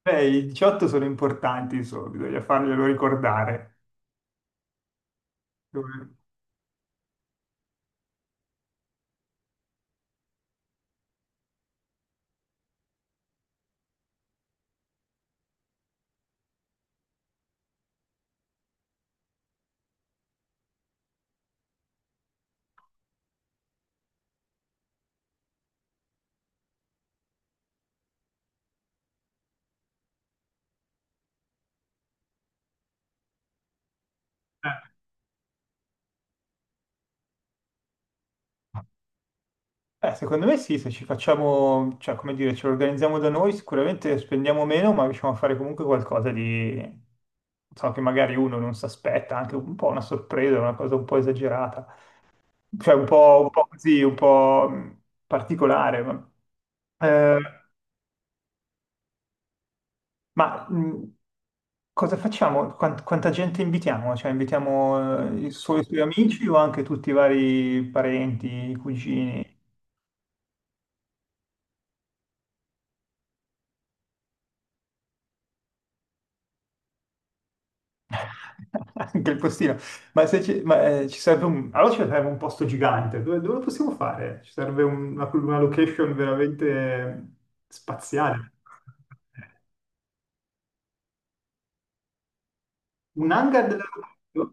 Beh, i 18 sono importanti, insomma, bisogna farglielo ricordare. Eh, Secondo me sì, se ci facciamo, cioè, come dire, ce lo organizziamo da noi, sicuramente spendiamo meno, ma riusciamo a fare comunque qualcosa di, so che magari uno non si aspetta, anche un po' una sorpresa, una cosa un po' esagerata, cioè un po' così, un po' particolare. Eh, Ma cosa facciamo? Quanta gente invitiamo? Cioè, invitiamo i suoi amici o anche tutti i vari parenti, cugini? Anche il postino. Ma, se ci, ma, ci serve un... Allora ci serve un posto gigante. Dove, dove lo possiamo fare? Ci serve una location veramente spaziale. Un hangar dell'aeroporto?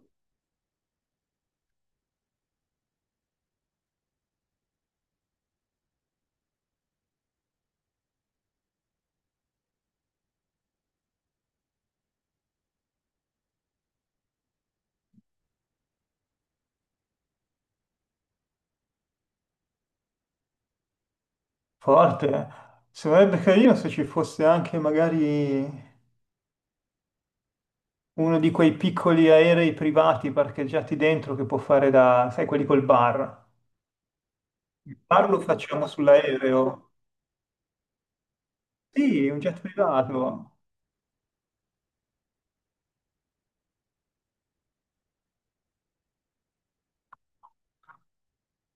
Forte. Sarebbe carino se ci fosse anche magari... Uno di quei piccoli aerei privati parcheggiati dentro che può fare da, sai, quelli col bar. Il bar lo facciamo sull'aereo. Sì, un jet privato.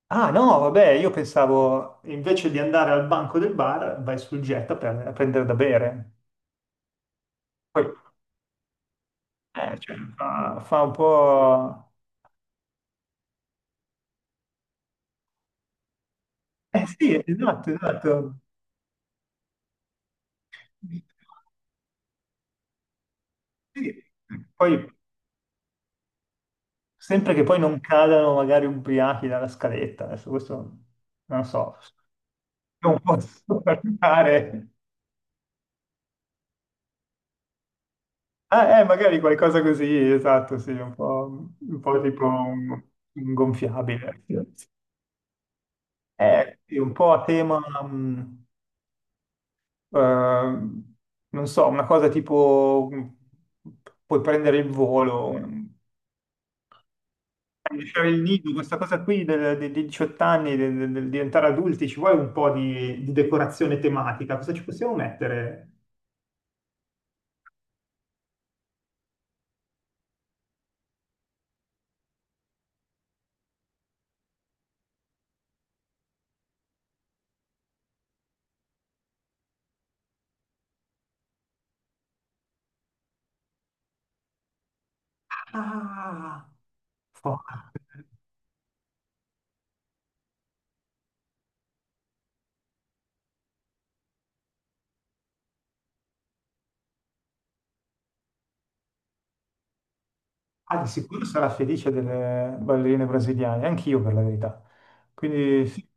Ah no, vabbè, io pensavo invece di andare al banco del bar, vai sul jet a, a prendere da bere. Poi, cioè, fa, fa un po'... Eh sì, esatto, esatto. Sì. Poi, sempre che poi non cadano magari ubriachi dalla scaletta, adesso questo non lo so. Non posso guardare. Ah, magari qualcosa così, esatto, sì, un po' tipo un gonfiabile. Sì, un po' a tema, eh, non so, una cosa tipo puoi prendere il volo, lasciare il nido, questa cosa qui dei 18 anni, del, del diventare adulti, ci vuole un po' di decorazione tematica, cosa ci possiamo mettere? Ah, fuoco. Ah, di sicuro sarà felice delle ballerine brasiliane, anch'io per la verità. Quindi sì,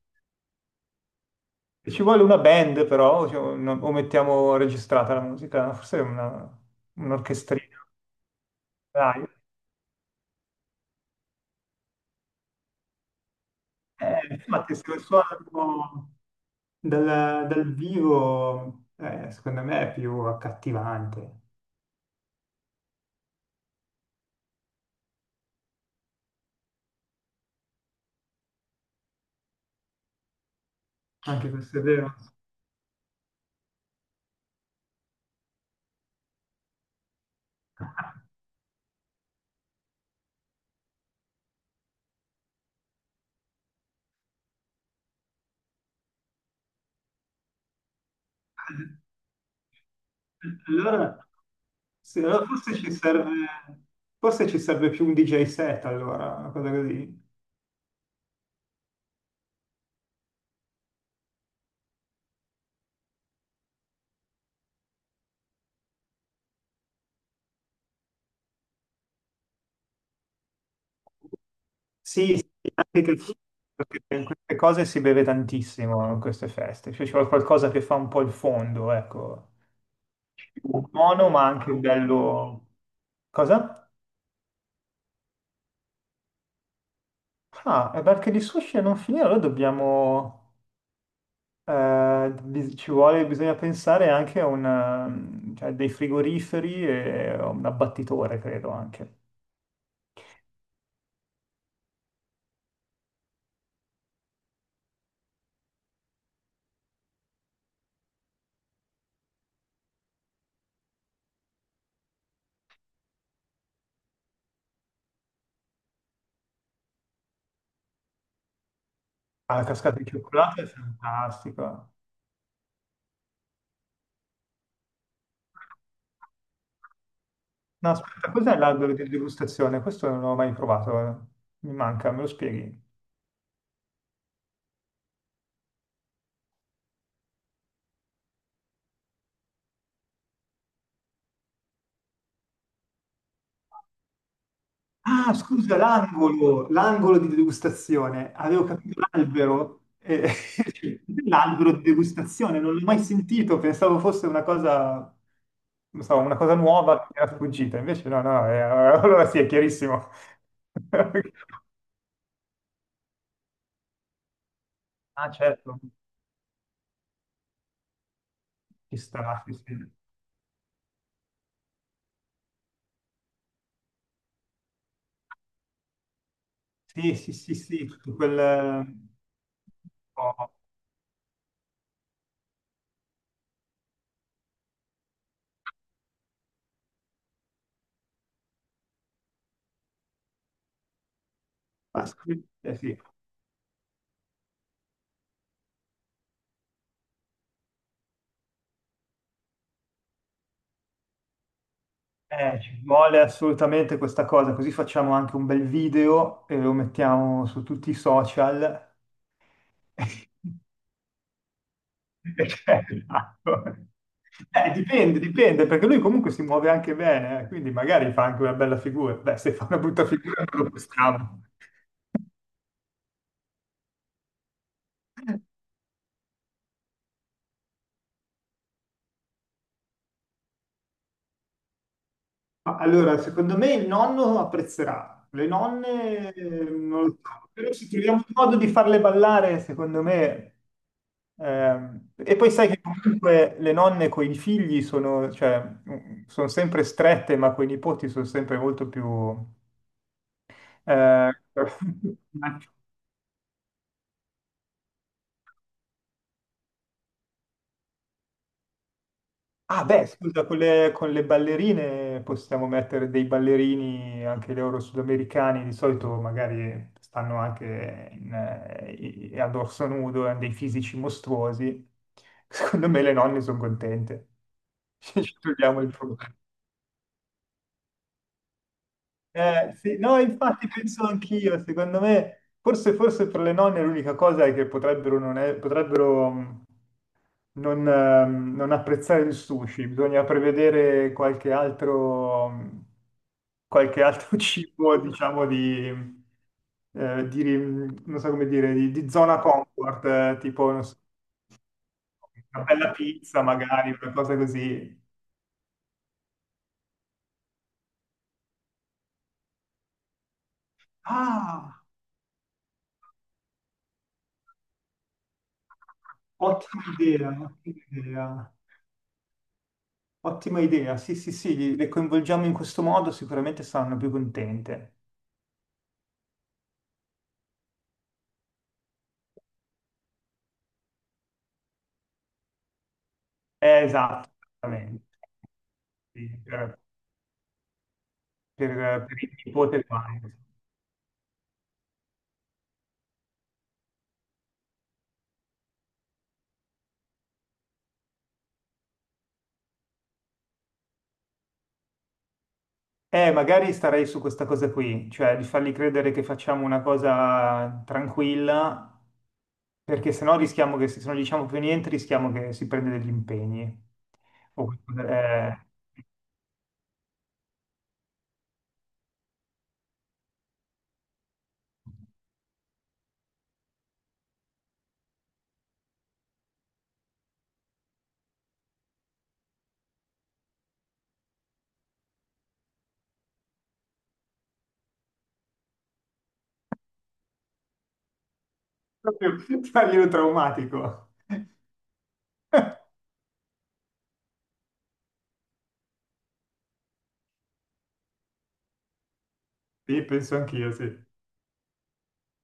ci vuole una band però, cioè, o no- o mettiamo registrata la musica, forse è una, un'orchestrina. Dai. Infatti se lo suonano dal, dal vivo, secondo me è più accattivante. Anche questo è vero. Allora, sì, allora forse ci serve più un DJ set allora, una cosa così. Sì, sì, anche che perché in queste cose si beve tantissimo in queste feste, cioè c'è qualcosa che fa un po' il fondo, ecco, buono ma anche bello. Cosa? Ah, e perché di sushi a non finire, allora dobbiamo, ci vuole, bisogna pensare anche a una, cioè, dei frigoriferi e a un abbattitore, credo anche. Ah, la cascata di cioccolato è fantastica. No, aspetta, cos'è l'albero di degustazione? Questo non l'ho mai provato, eh. Mi manca, me lo spieghi? Ah, scusa, l'angolo, l'angolo di degustazione. Avevo capito l'albero, l'albero di degustazione, non l'ho mai sentito, pensavo fosse una cosa, non so, una cosa nuova che mi era sfuggita, invece no, no, allora sì, è chiarissimo. Ah, certo, ci sta, sì, sì. Sì, sì, sì, sì, tutto quel... un po'. Ah, scusi, sì. Ci vuole assolutamente questa cosa, così facciamo anche un bel video e lo mettiamo su tutti i social. Perché, ecco. Dipende, dipende, perché lui comunque si muove anche bene, quindi magari fa anche una bella figura. Beh, se fa una brutta figura non lo possiamo. Ma allora, secondo me il nonno apprezzerà, le nonne non lo so, però se troviamo un modo di farle ballare, secondo me... E poi sai che comunque le nonne con i figli sono, cioè, sono sempre strette, ma con i nipoti sono sempre molto più... eh, Ah, beh, scusa, con le ballerine possiamo mettere dei ballerini anche loro sudamericani, di solito magari stanno anche in, a dorso nudo, hanno dei fisici mostruosi. Secondo me le nonne sono contente. Ci togliamo il problema. Sì, no, infatti penso anch'io, secondo me, forse, forse per le nonne l'unica cosa è che potrebbero, non, non apprezzare il sushi, bisogna prevedere qualche altro cibo, diciamo, di, eh, di- non so come dire, di zona comfort, tipo non so, una bella pizza magari, una cosa così. Ah, ottima idea, ottima idea, ottima idea. Sì, sì, sì, le coinvolgiamo in questo modo, sicuramente saranno più contente. Esatto, esattamente. Sì, per il nipote quando. Magari starei su questa cosa qui, cioè di fargli credere che facciamo una cosa tranquilla, perché sennò rischiamo che se non diciamo più niente rischiamo che si prenda degli impegni. O qualcosa- eh, proprio farglielo traumatico. Sì, penso anch'io, sì.